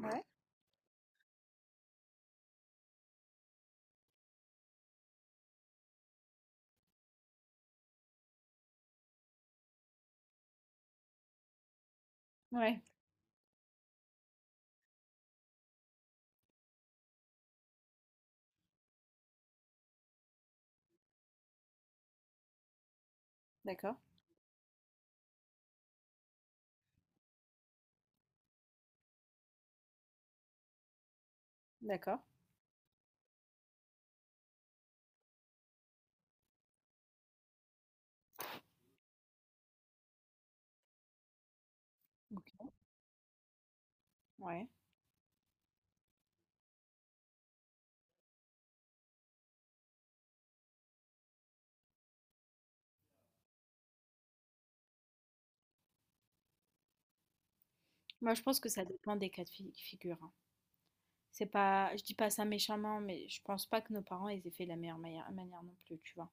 Ouais, ouais, d'accord, d'accord, ouais. Moi, je pense que ça dépend des cas de figure. Hein. C'est pas, je dis pas ça méchamment, mais je pense pas que nos parents ils aient fait de la meilleure manière non plus, tu vois.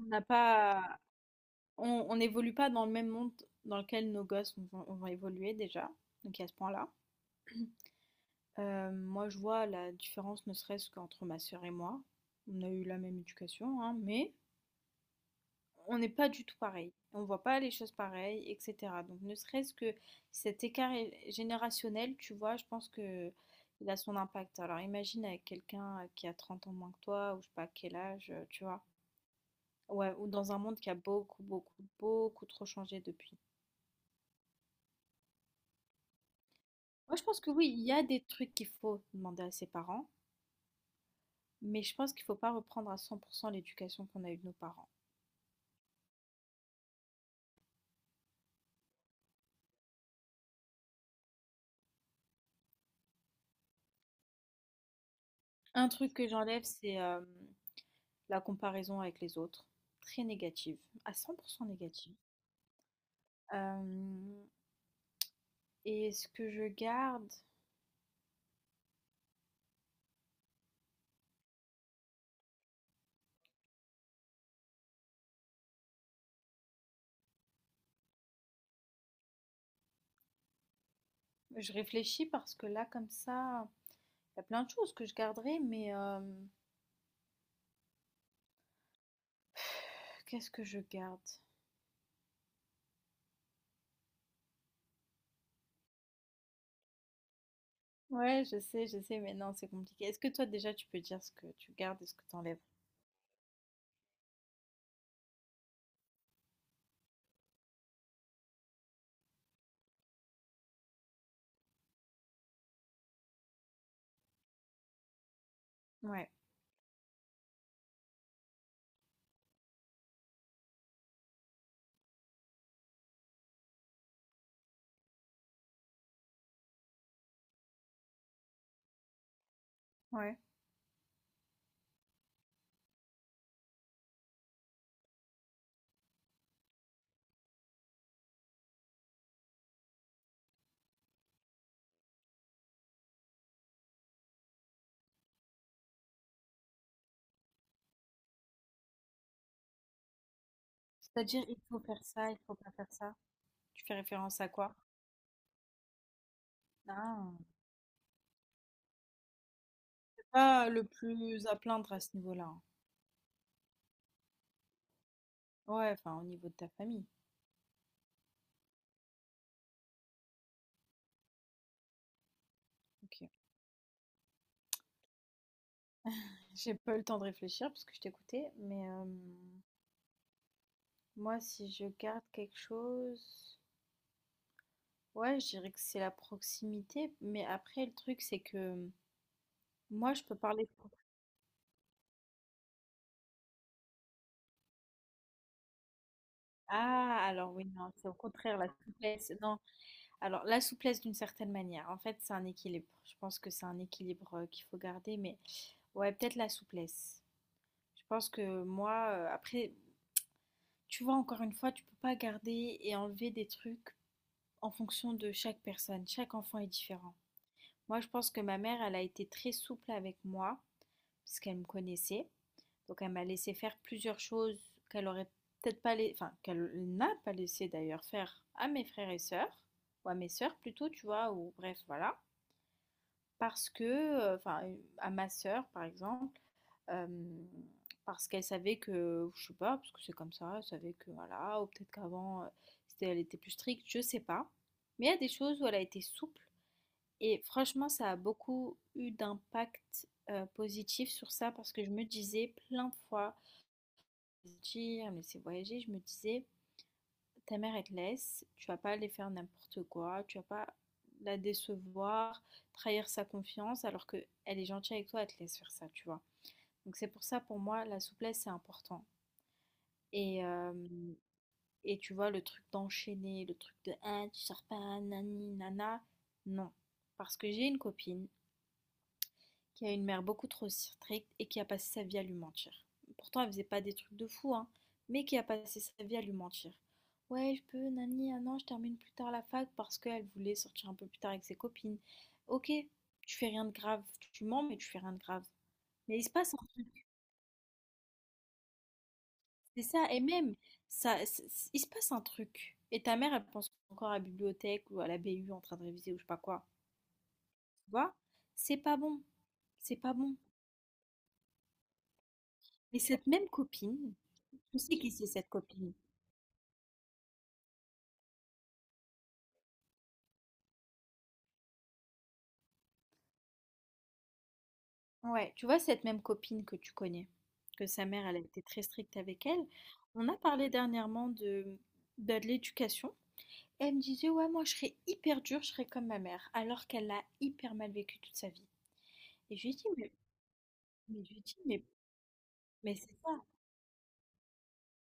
On n'a pas, on n'évolue pas dans le même monde dans lequel nos gosses vont évoluer déjà. Donc à ce point-là, moi, je vois la différence, ne serait-ce qu'entre ma sœur et moi. On a eu la même éducation, hein, mais on n'est pas du tout pareil. On voit pas les choses pareilles, etc. Donc ne serait-ce que cet écart générationnel, tu vois, je pense que il a son impact. Alors imagine avec quelqu'un qui a 30 ans moins que toi, ou je sais pas quel âge, tu vois. Ouais, ou dans un monde qui a beaucoup, beaucoup, beaucoup trop changé depuis. Moi, je pense que oui, il y a des trucs qu'il faut demander à ses parents, mais je pense qu'il faut pas reprendre à 100% l'éducation qu'on a eue de nos parents. Un truc que j'enlève, c'est la comparaison avec les autres. Très négative, à 100% négative. Hem et est-ce que je garde? Je réfléchis parce que là, comme ça, il y a plein de choses que je garderai, mais qu'est-ce que je garde? Ouais, je sais, mais non, c'est compliqué. Est-ce que toi, déjà, tu peux dire ce que tu gardes et ce que tu enlèves? Ouais, ouais. C'est-à-dire, il faut faire ça, il faut pas faire ça? Tu fais référence à quoi? Ah! Pas le plus à plaindre à ce niveau-là, hein? Ouais, enfin, au niveau de ta famille. OK. J'ai pas eu le temps de réfléchir parce que je t'écoutais, mais hem moi, si je garde quelque chose, ouais, je dirais que c'est la proximité. Mais après, le truc, c'est que moi, je peux parler ah, alors oui, non, c'est au contraire la souplesse. Non, alors la souplesse d'une certaine manière. En fait, c'est un équilibre. Je pense que c'est un équilibre qu'il faut garder. Mais ouais, peut-être la souplesse. Je pense que moi, après, tu vois, encore une fois, tu peux pas garder et enlever des trucs en fonction de chaque personne. Chaque enfant est différent. Moi, je pense que ma mère, elle a été très souple avec moi, puisqu'elle me connaissait. Donc elle m'a laissé faire plusieurs choses qu'elle aurait peut-être pas laissé, enfin qu'elle n'a pas laissé d'ailleurs faire à mes frères et sœurs, ou à mes sœurs plutôt, tu vois, ou bref, voilà. Parce que, enfin, à ma sœur par exemple, euh, parce qu'elle savait que, je sais pas, parce que c'est comme ça, elle savait que voilà, ou peut-être qu'avant elle était plus stricte, je sais pas. Mais il y a des choses où elle a été souple et franchement, ça a beaucoup eu d'impact positif sur ça parce que je me disais plein de fois, je me dis, ah, mais c'est voyager, je me disais, ta mère, elle te laisse, tu vas pas aller faire n'importe quoi, tu vas pas la décevoir, trahir sa confiance alors que elle est gentille avec toi, elle te laisse faire ça, tu vois. Donc c'est pour ça, pour moi, la souplesse, c'est important. Et, euh, et tu vois, le truc d'enchaîner, le truc de, ah, tu sors pas, nani, nana, non. Parce que j'ai une copine qui a une mère beaucoup trop stricte et qui a passé sa vie à lui mentir. Pourtant, elle faisait pas des trucs de fou, hein, mais qui a passé sa vie à lui mentir. Ouais, je peux, nani, ah non, je termine plus tard la fac parce qu'elle voulait sortir un peu plus tard avec ses copines. Ok, tu fais rien de grave, tu mens, mais tu fais rien de grave. Mais il se passe un truc, c'est ça, et même, ça, il se passe un truc. Et ta mère, elle pense encore à la bibliothèque ou à la BU en train de réviser ou je sais pas quoi. Tu vois? C'est pas bon, c'est pas bon. Et cette même copine, tu sais qui c'est cette copine. Ouais, tu vois, cette même copine que tu connais, que sa mère, elle a été très stricte avec elle, on a parlé dernièrement de, bah, de l'éducation. Elle me disait, ouais, moi, je serais hyper dure, je serais comme ma mère, alors qu'elle l'a hyper mal vécu toute sa vie. Et je lui ai dit, mais, je lui ai dit, mais c'est ça,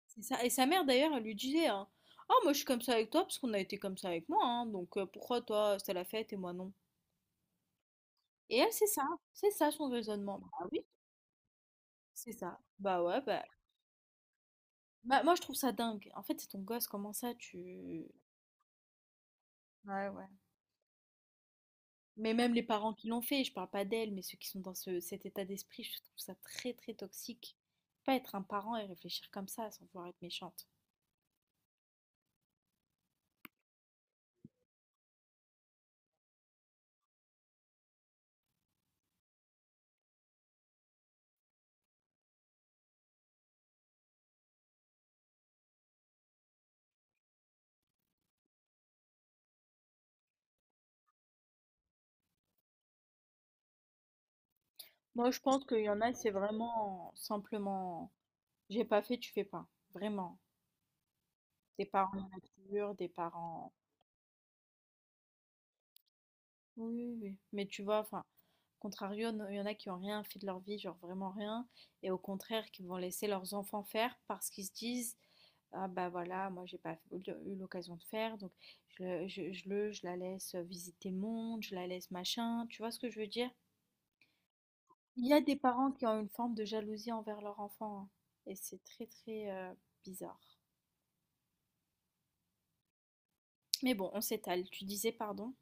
c'est ça. Et sa mère, d'ailleurs, elle lui disait, hein, oh, moi, je suis comme ça avec toi, parce qu'on a été comme ça avec moi, hein, donc pourquoi toi, c'était la fête et moi non? Et elle, c'est ça son raisonnement. Bah oui, c'est ça. Bah ouais, bah bah, moi, je trouve ça dingue. En fait, c'est ton gosse, comment ça, tu... Ouais, ouais. Mais même les parents qui l'ont fait, je parle pas d'elle, mais ceux qui sont dans cet état d'esprit, je trouve ça très, très toxique. Pas être un parent et réfléchir comme ça sans vouloir être méchante. Moi, je pense qu'il y en a, c'est vraiment simplement, j'ai pas fait, tu fais pas. Vraiment. Des parents immatures, des parents... Oui, oui, oui. Mais tu vois, enfin, contrario, il y en a qui ont rien fait de leur vie, genre vraiment rien, et au contraire, qui vont laisser leurs enfants faire parce qu'ils se disent, ah bah voilà, moi j'ai pas eu eu l'occasion de faire, donc je la laisse visiter le monde, je la laisse machin, tu vois ce que je veux dire? Il y a des parents qui ont une forme de jalousie envers leur enfant, hein, et c'est très très bizarre. Mais bon, on s'étale. Tu disais pardon.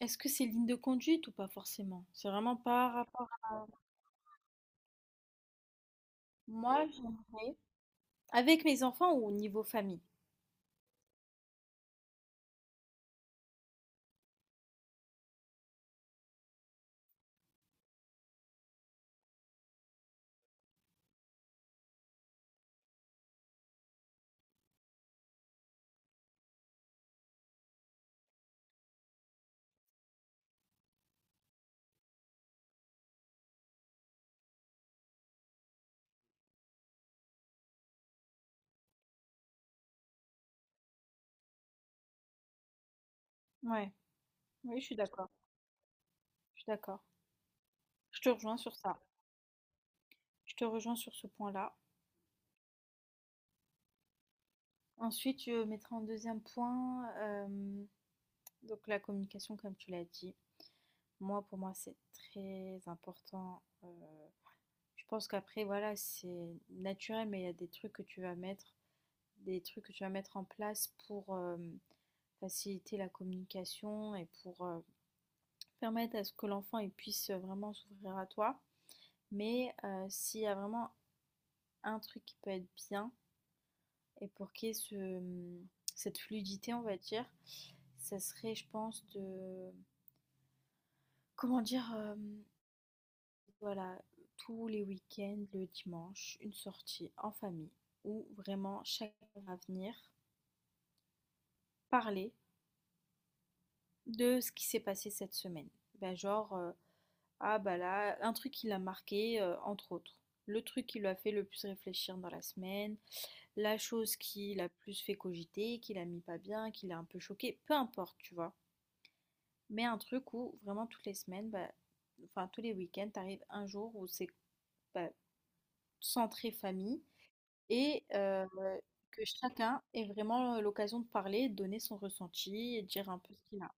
Est-ce que c'est ligne de conduite ou pas forcément? C'est vraiment par rapport à moi, j'aimerais. Avec mes enfants ou au niveau famille? Ouais, oui, je suis d'accord. Je suis d'accord. Je te rejoins sur ça. Je te rejoins sur ce point-là. Ensuite, je mettrai en deuxième point, donc la communication, comme tu l'as dit. Moi, pour moi, c'est très important. Je pense qu'après, voilà, c'est naturel, mais il y a des trucs que tu vas mettre en place pour, faciliter la communication et pour, permettre à ce que l'enfant, il puisse, vraiment s'ouvrir à toi. Mais, s'il y a vraiment un truc qui peut être bien et pour qu'il y ait ce, cette fluidité, on va dire, ça serait, je pense, de. Comment dire voilà, tous les week-ends, le dimanche, une sortie en famille où vraiment chacun va venir parler de ce qui s'est passé cette semaine. Ben, genre, ah bah là, un truc qui l'a marqué, entre autres. Le truc qui lui a fait le plus réfléchir dans la semaine, la chose qui l'a plus fait cogiter, qui l'a mis pas bien, qui l'a un peu choqué, peu importe, tu vois. Mais un truc où vraiment toutes les semaines, bah, enfin tous les week-ends, t'arrives un jour où c'est bah, centré famille et que chacun ait vraiment l'occasion de parler, de donner son ressenti et de dire un peu ce qu'il a.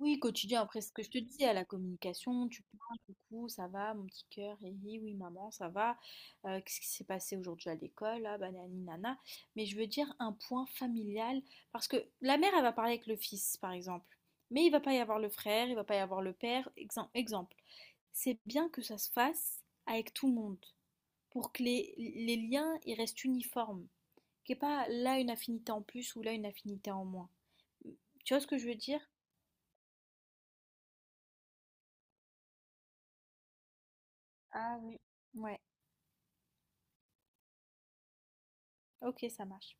Oui, quotidien, après ce que je te dis, à la communication, tu parles, coucou, ça va, mon petit cœur, hé, hé, oui, maman, ça va, qu'est-ce qui s'est passé aujourd'hui à l'école, là, banani, nana. Mais je veux dire un point familial, parce que la mère, elle va parler avec le fils, par exemple, mais il va pas y avoir le frère, il va pas y avoir le père, exemple. C'est bien que ça se fasse avec tout le monde, pour que les liens, ils restent uniformes, qu'il n'y ait pas là une affinité en plus ou là une affinité en moins. Tu vois ce que je veux dire? Ah oui. Ouais. OK, ça marche.